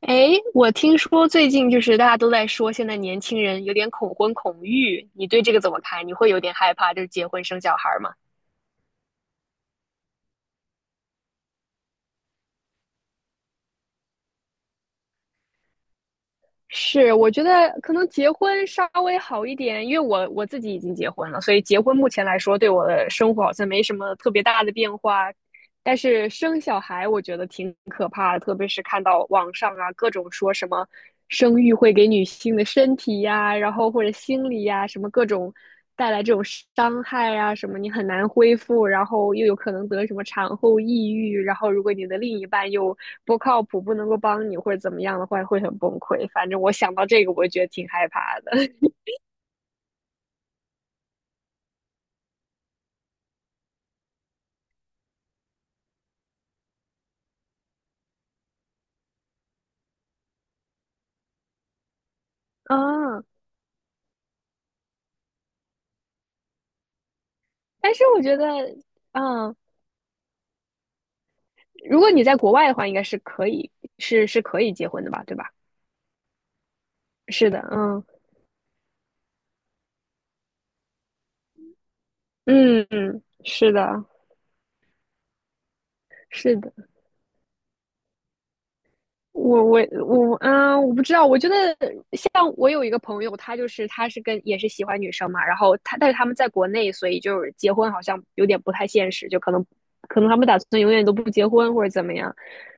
哎，我听说最近就是大家都在说，现在年轻人有点恐婚恐育，你对这个怎么看？你会有点害怕，就是结婚生小孩儿吗？是，我觉得可能结婚稍微好一点，因为我自己已经结婚了，所以结婚目前来说对我的生活好像没什么特别大的变化，但是生小孩我觉得挺可怕的，特别是看到网上啊各种说什么生育会给女性的身体呀、然后或者心理呀、什么各种带来这种伤害啊，什么你很难恢复，然后又有可能得什么产后抑郁，然后如果你的另一半又不靠谱，不能够帮你或者怎么样的话，会很崩溃。反正我想到这个，我觉得挺害怕的 嗯，但是我觉得，嗯，如果你在国外的话，应该是可以，是可以结婚的吧，对吧？是的，嗯嗯，是的，是的。我我不知道。我觉得像我有一个朋友，他就是他是跟也是喜欢女生嘛，然后他但是他们在国内，所以就是结婚好像有点不太现实，就可能他们打算永远都不结婚或者怎么样。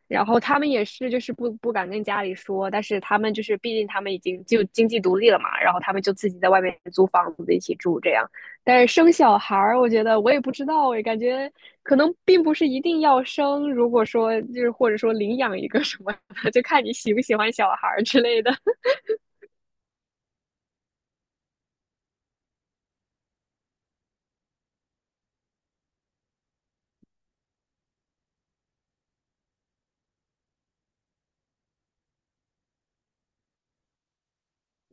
然后他们也是就是不敢跟家里说，但是他们就是毕竟他们已经就经济独立了嘛，然后他们就自己在外面租房子一起住这样。但是生小孩儿，我觉得我也不知道诶，我感觉可能并不是一定要生。如果说就是或者说领养一个什么就看你喜不喜欢小孩之类的。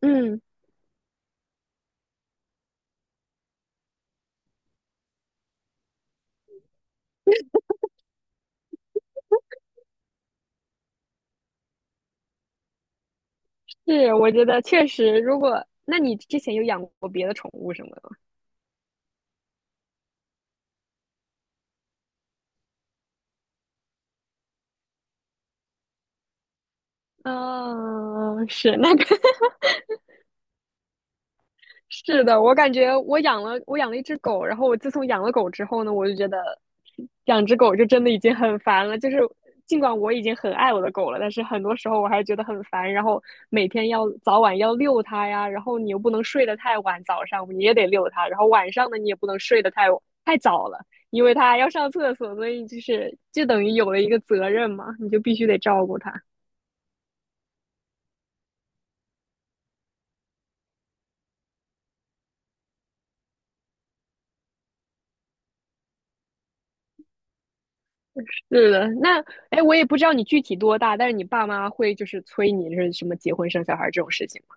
嗯，是，我觉得确实，如果那你之前有养过别的宠物什么的吗？嗯、哦是那个是的，我感觉我养了一只狗，然后我自从养了狗之后呢，我就觉得养只狗就真的已经很烦了。就是尽管我已经很爱我的狗了，但是很多时候我还是觉得很烦。然后每天要早晚要遛它呀，然后你又不能睡得太晚，早上你也得遛它，然后晚上呢你也不能睡得太早了，因为它要上厕所，所以就是就等于有了一个责任嘛，你就必须得照顾它。对的，那哎，我也不知道你具体多大，但是你爸妈会就是催你是什么结婚生小孩这种事情吗？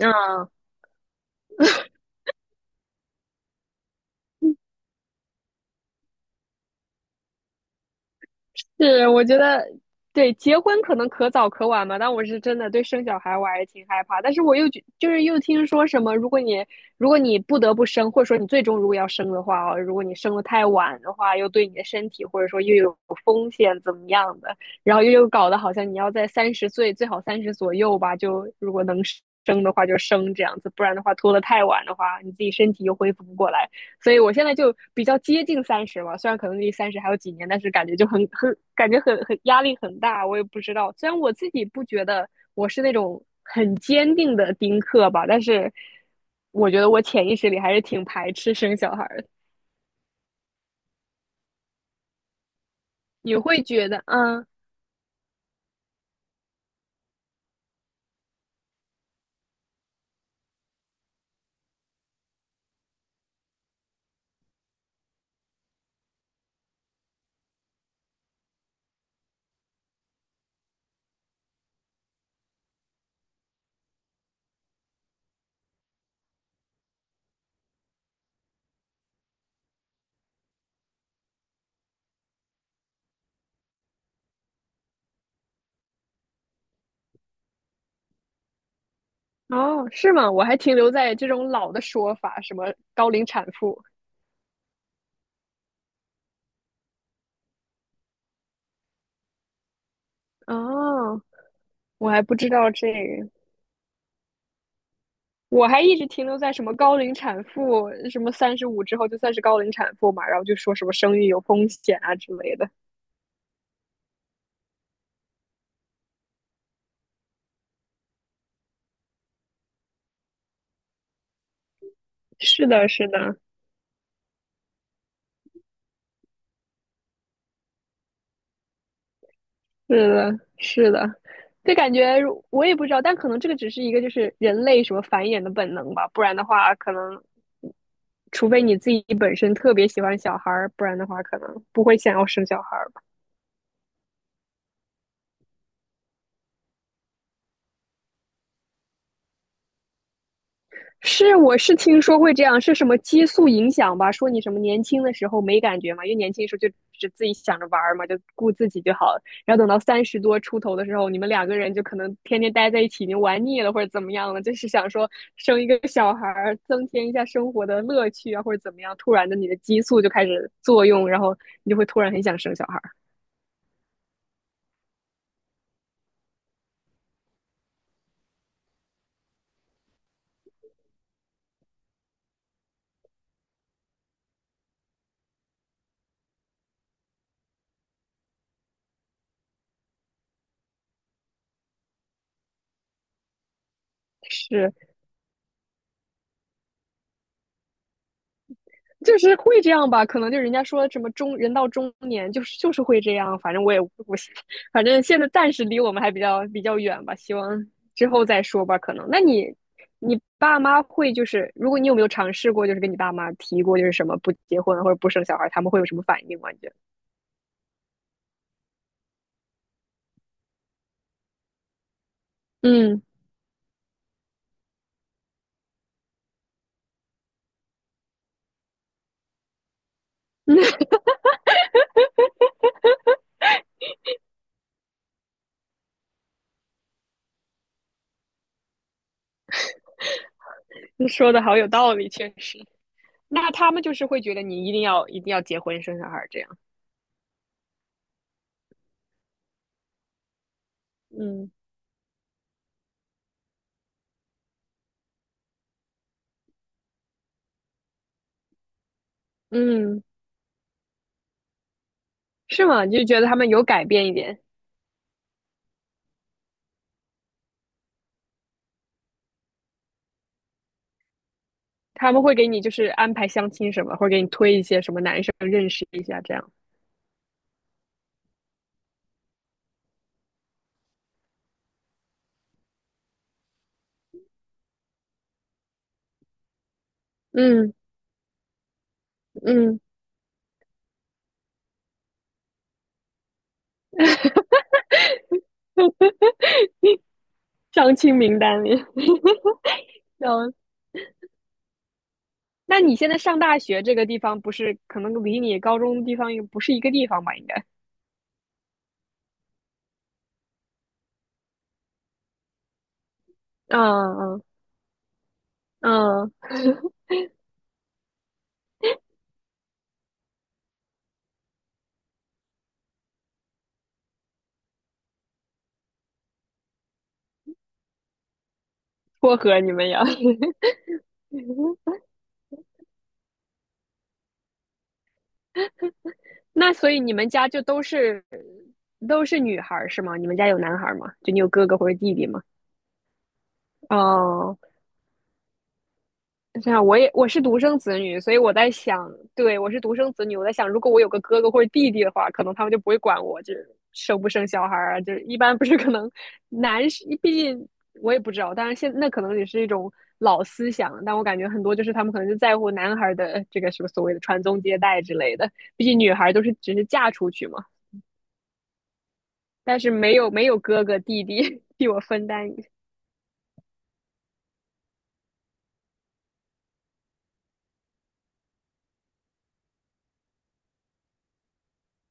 嗯是，我觉得对结婚可能可早可晚嘛，但我是真的对生小孩我还是挺害怕。但是我又觉就是又听说什么，如果你不得不生，或者说你最终如果要生的话哦，如果你生的太晚的话，又对你的身体或者说又有风险怎么样的，然后又搞得好像你要在30岁最好三十左右吧，就如果能生的话就生这样子，不然的话拖得太晚的话，你自己身体又恢复不过来。所以我现在就比较接近三十嘛，虽然可能离三十还有几年，但是感觉就很感觉很压力很大。我也不知道，虽然我自己不觉得我是那种很坚定的丁克吧，但是我觉得我潜意识里还是挺排斥生小孩的。你会觉得，嗯，哦，是吗？我还停留在这种老的说法，什么高龄产妇。哦，我还不知道这个。我还一直停留在什么高龄产妇，什么35之后就算是高龄产妇嘛，然后就说什么生育有风险啊之类的。是的，是的，是的，是的，就感觉我也不知道，但可能这个只是一个就是人类什么繁衍的本能吧，不然的话，可能除非你自己本身特别喜欢小孩儿，不然的话可能不会想要生小孩儿。是，我是听说会这样，是什么激素影响吧？说你什么年轻的时候没感觉嘛，因为年轻的时候就只自己想着玩儿嘛，就顾自己就好了。然后等到30多出头的时候，你们两个人就可能天天待在一起，已经玩腻了或者怎么样了，就是想说生一个小孩儿，增添一下生活的乐趣啊，或者怎么样。突然的，你的激素就开始作用，然后你就会突然很想生小孩儿。是，就是会这样吧，可能就人家说什么中人到中年就是会这样，反正我也不，反正现在暂时离我们还比较远吧，希望之后再说吧。可能那你爸妈会就是如果你有没有尝试过，就是跟你爸妈提过就是什么不结婚或者不生小孩，他们会有什么反应吗？你觉得？嗯，你说的好有道理，确实。那他们就是会觉得你一定要结婚生小孩这样。嗯嗯，是吗？就觉得他们有改变一点。他们会给你就是安排相亲什么，或者给你推一些什么男生认识一下这样。嗯嗯，相亲名单里。嗯，那你现在上大学这个地方不是可能离你高中的地方又不是一个地方吧？应该。嗯嗯嗯，撮合你们呀。那所以你们家就都是女孩儿是吗？你们家有男孩儿吗？就你有哥哥或者弟弟吗？哦，这样，我是独生子女，所以我在想，对，我是独生子女，我在想，如果我有个哥哥或者弟弟的话，可能他们就不会管我，就是生不生小孩儿啊，就是一般不是可能男是，毕竟我也不知道，当然现那可能也是一种老思想，但我感觉很多就是他们可能就在乎男孩的这个什么所谓的传宗接代之类的，毕竟女孩都是只是嫁出去嘛，但是没有哥哥弟弟 替我分担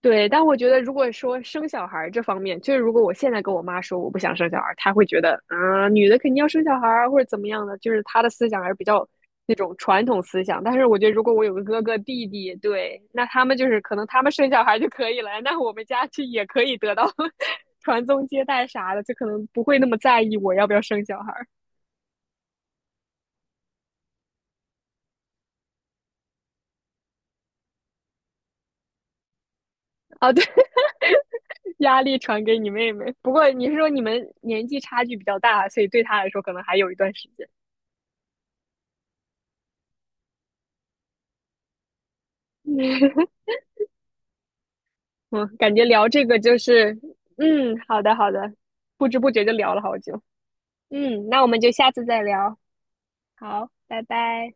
对，但我觉得，如果说生小孩儿这方面，就是如果我现在跟我妈说我不想生小孩儿，她会觉得，嗯、女的肯定要生小孩儿啊或者怎么样的，就是她的思想还是比较那种传统思想。但是我觉得，如果我有个哥哥弟弟，对，那他们就是可能他们生小孩儿就可以了，那我们家就也可以得到 传宗接代啥的，就可能不会那么在意我要不要生小孩儿啊。对，压力传给你妹妹。不过你是说你们年纪差距比较大，所以对她来说可能还有一段时间。嗯嗯，感觉聊这个就是，嗯，好的好的，不知不觉就聊了好久。嗯，那我们就下次再聊。好，拜拜。